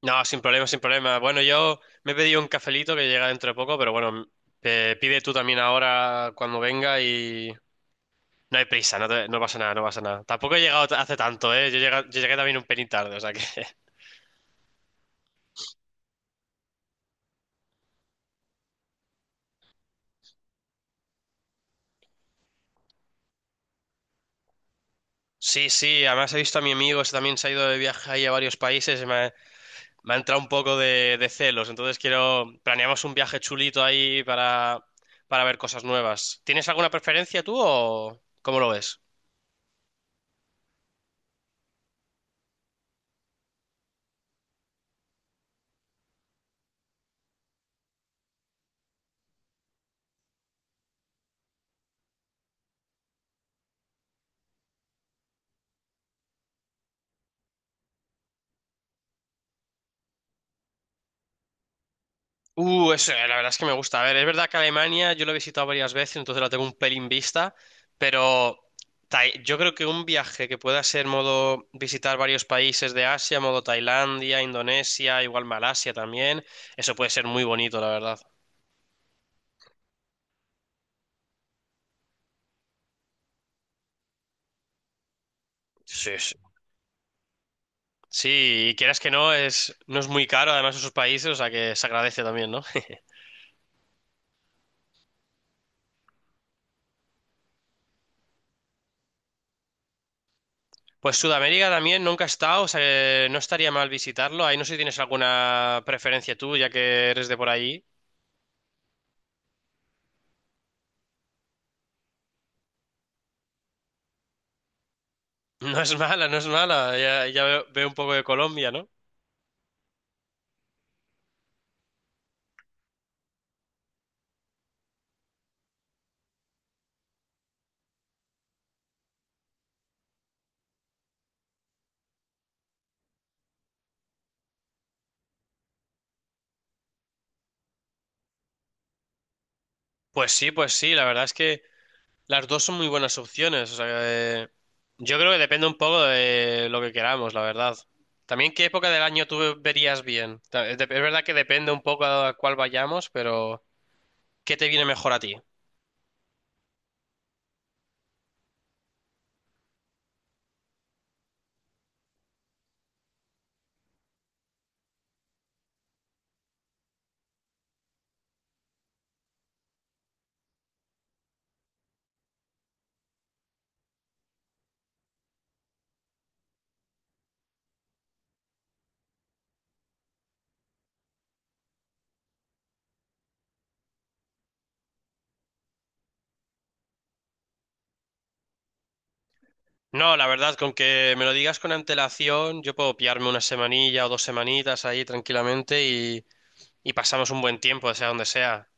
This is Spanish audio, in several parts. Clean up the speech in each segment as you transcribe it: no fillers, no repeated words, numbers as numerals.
No, sin problema, sin problema. Bueno, yo me he pedido un cafelito que llega dentro de poco, pero bueno, pide tú también ahora cuando venga y no hay prisa, no, no pasa nada, no pasa nada. Tampoco he llegado hace tanto, ¿eh? Yo llegué también un pelín tarde, o sea que Sí, sí, además he visto a mi amigo, ese también se ha ido de viaje ahí a varios países y me ha entrado un poco de celos, entonces quiero. Planeamos un viaje chulito ahí para ver cosas nuevas. ¿Tienes alguna preferencia tú o cómo lo ves? Eso, la verdad es que me gusta. A ver, es verdad que Alemania yo lo he visitado varias veces, entonces la tengo un pelín vista, pero yo creo que un viaje que pueda ser modo visitar varios países de Asia, modo Tailandia, Indonesia, igual Malasia también, eso puede ser muy bonito, la verdad. Sí, sí. Sí, y quieras que no, no es muy caro además esos países, o sea que se agradece también, ¿no? Pues Sudamérica también nunca he estado, o sea que no estaría mal visitarlo. Ahí no sé si tienes alguna preferencia tú, ya que eres de por ahí. No es mala, no es mala. Ya, ya veo, un poco de Colombia, ¿no? Pues sí, la verdad es que las dos son muy buenas opciones. O sea, eh, yo creo que depende un poco de lo que queramos, la verdad. También qué época del año tú verías bien. Es verdad que depende un poco a cuál vayamos, pero ¿qué te viene mejor a ti? No, la verdad, con que me lo digas con antelación, yo puedo pillarme una semanilla o 2 semanitas ahí tranquilamente y pasamos un buen tiempo, sea donde sea.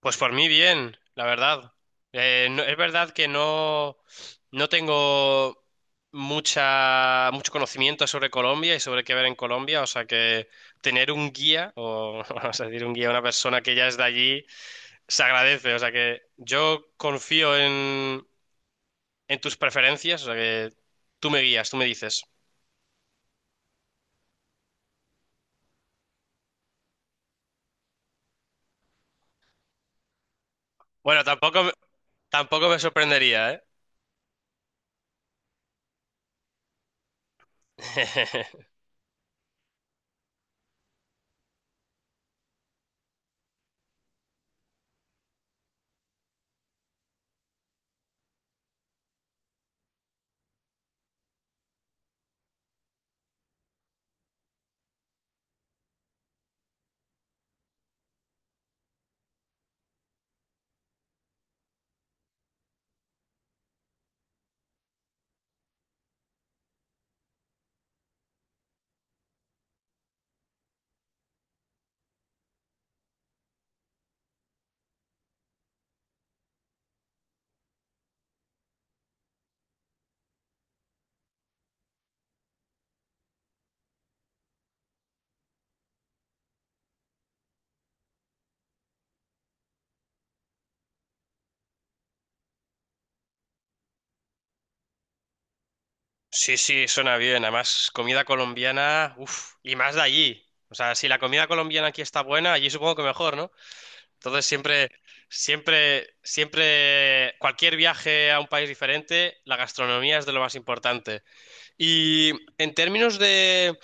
Pues por mí bien, la verdad. Es verdad que no tengo mucho conocimiento sobre Colombia y sobre qué ver en Colombia, o sea que tener un guía, o vamos a decir un guía, una persona que ya es de allí, se agradece. O sea que yo confío en tus preferencias, o sea que tú me guías, tú me dices. Bueno, tampoco me sorprendería, ¿eh? Sí, sí, suena bien. Además, comida colombiana, uff, y más de allí. O sea, si la comida colombiana aquí está buena, allí supongo que mejor, ¿no? Entonces siempre, siempre, siempre, cualquier viaje a un país diferente, la gastronomía es de lo más importante. Y en términos de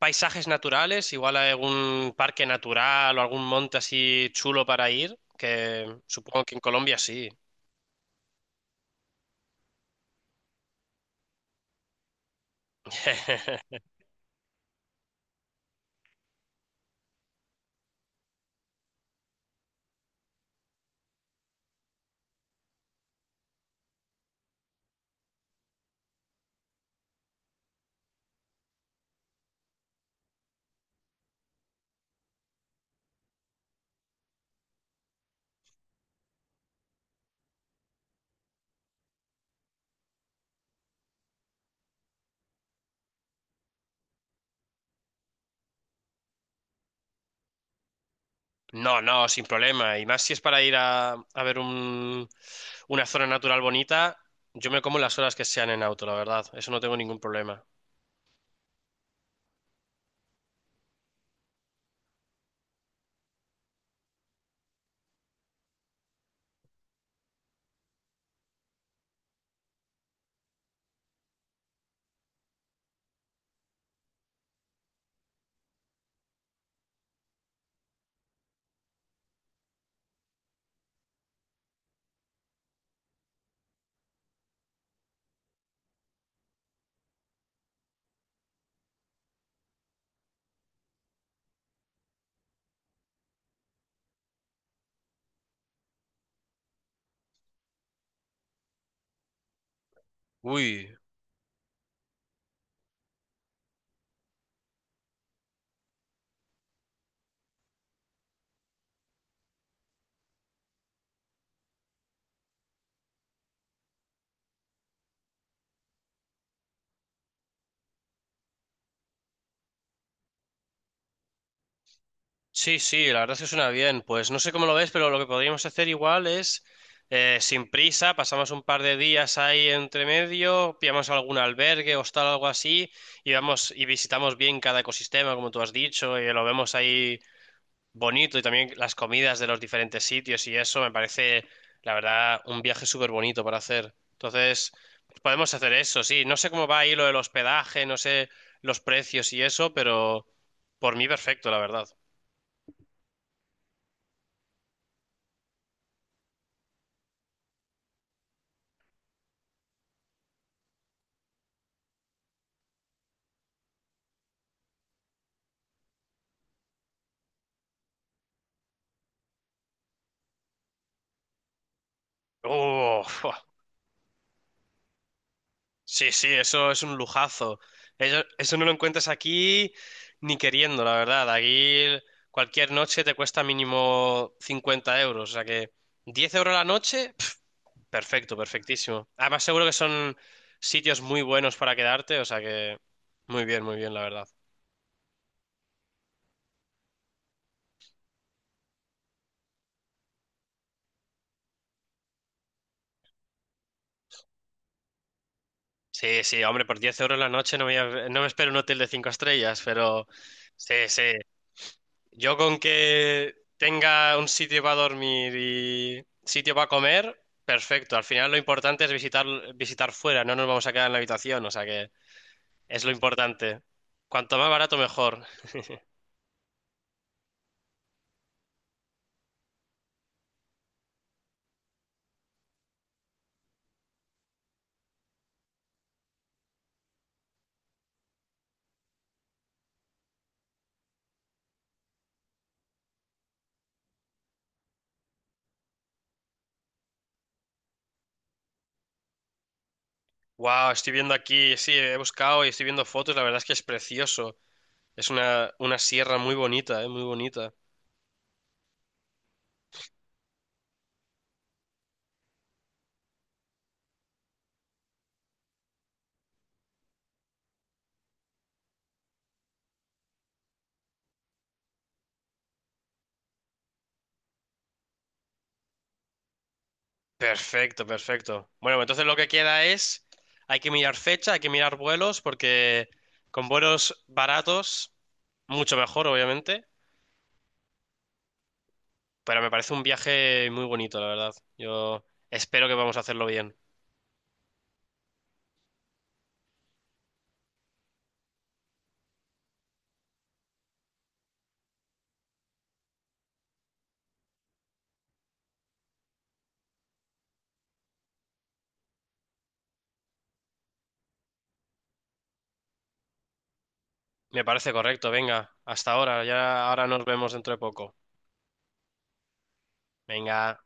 paisajes naturales, igual hay algún parque natural o algún monte así chulo para ir, que supongo que en Colombia sí. No, no, sin problema. Y más si es para ir a ver una zona natural bonita, yo me como las horas que sean en auto, la verdad. Eso no tengo ningún problema. Uy, sí, sí, la verdad es que suena bien. Pues no sé cómo lo ves, pero lo que podríamos hacer igual es, sin prisa, pasamos un par de días ahí entre medio, pillamos algún albergue, hostal o algo así, y vamos y visitamos bien cada ecosistema, como tú has dicho, y lo vemos ahí bonito y también las comidas de los diferentes sitios y eso me parece, la verdad, un viaje súper bonito para hacer. Entonces, pues podemos hacer eso, sí. No sé cómo va ahí lo del hospedaje, no sé los precios y eso, pero por mí perfecto, la verdad. Oh, fua. Sí, sí, eso es un lujazo. Eso, no lo encuentras aquí ni queriendo, la verdad. Aquí cualquier noche te cuesta mínimo 50 euros, o sea que 10 euros la noche. Perfecto, perfectísimo. Además, seguro que son sitios muy buenos para quedarte, o sea que muy bien, la verdad. Sí, sí, hombre, por 10 euros la noche no me espero un hotel de 5 estrellas, pero sí, sí. Yo con que tenga un sitio para dormir y sitio para comer, perfecto. Al final lo importante es visitar, visitar fuera, no nos vamos a quedar en la habitación, o sea que es lo importante. Cuanto más barato, mejor. Wow, estoy viendo aquí, sí, he buscado y estoy viendo fotos, la verdad es que es precioso. Es una sierra muy bonita, ¿eh? Muy bonita. Perfecto, perfecto. Bueno, pues entonces lo que queda es, hay que mirar fecha, hay que mirar vuelos, porque con vuelos baratos, mucho mejor, obviamente, pero me parece un viaje muy bonito, la verdad. Yo espero que vamos a hacerlo bien. Me parece correcto, venga, hasta ahora, ya ahora nos vemos dentro de poco. Venga.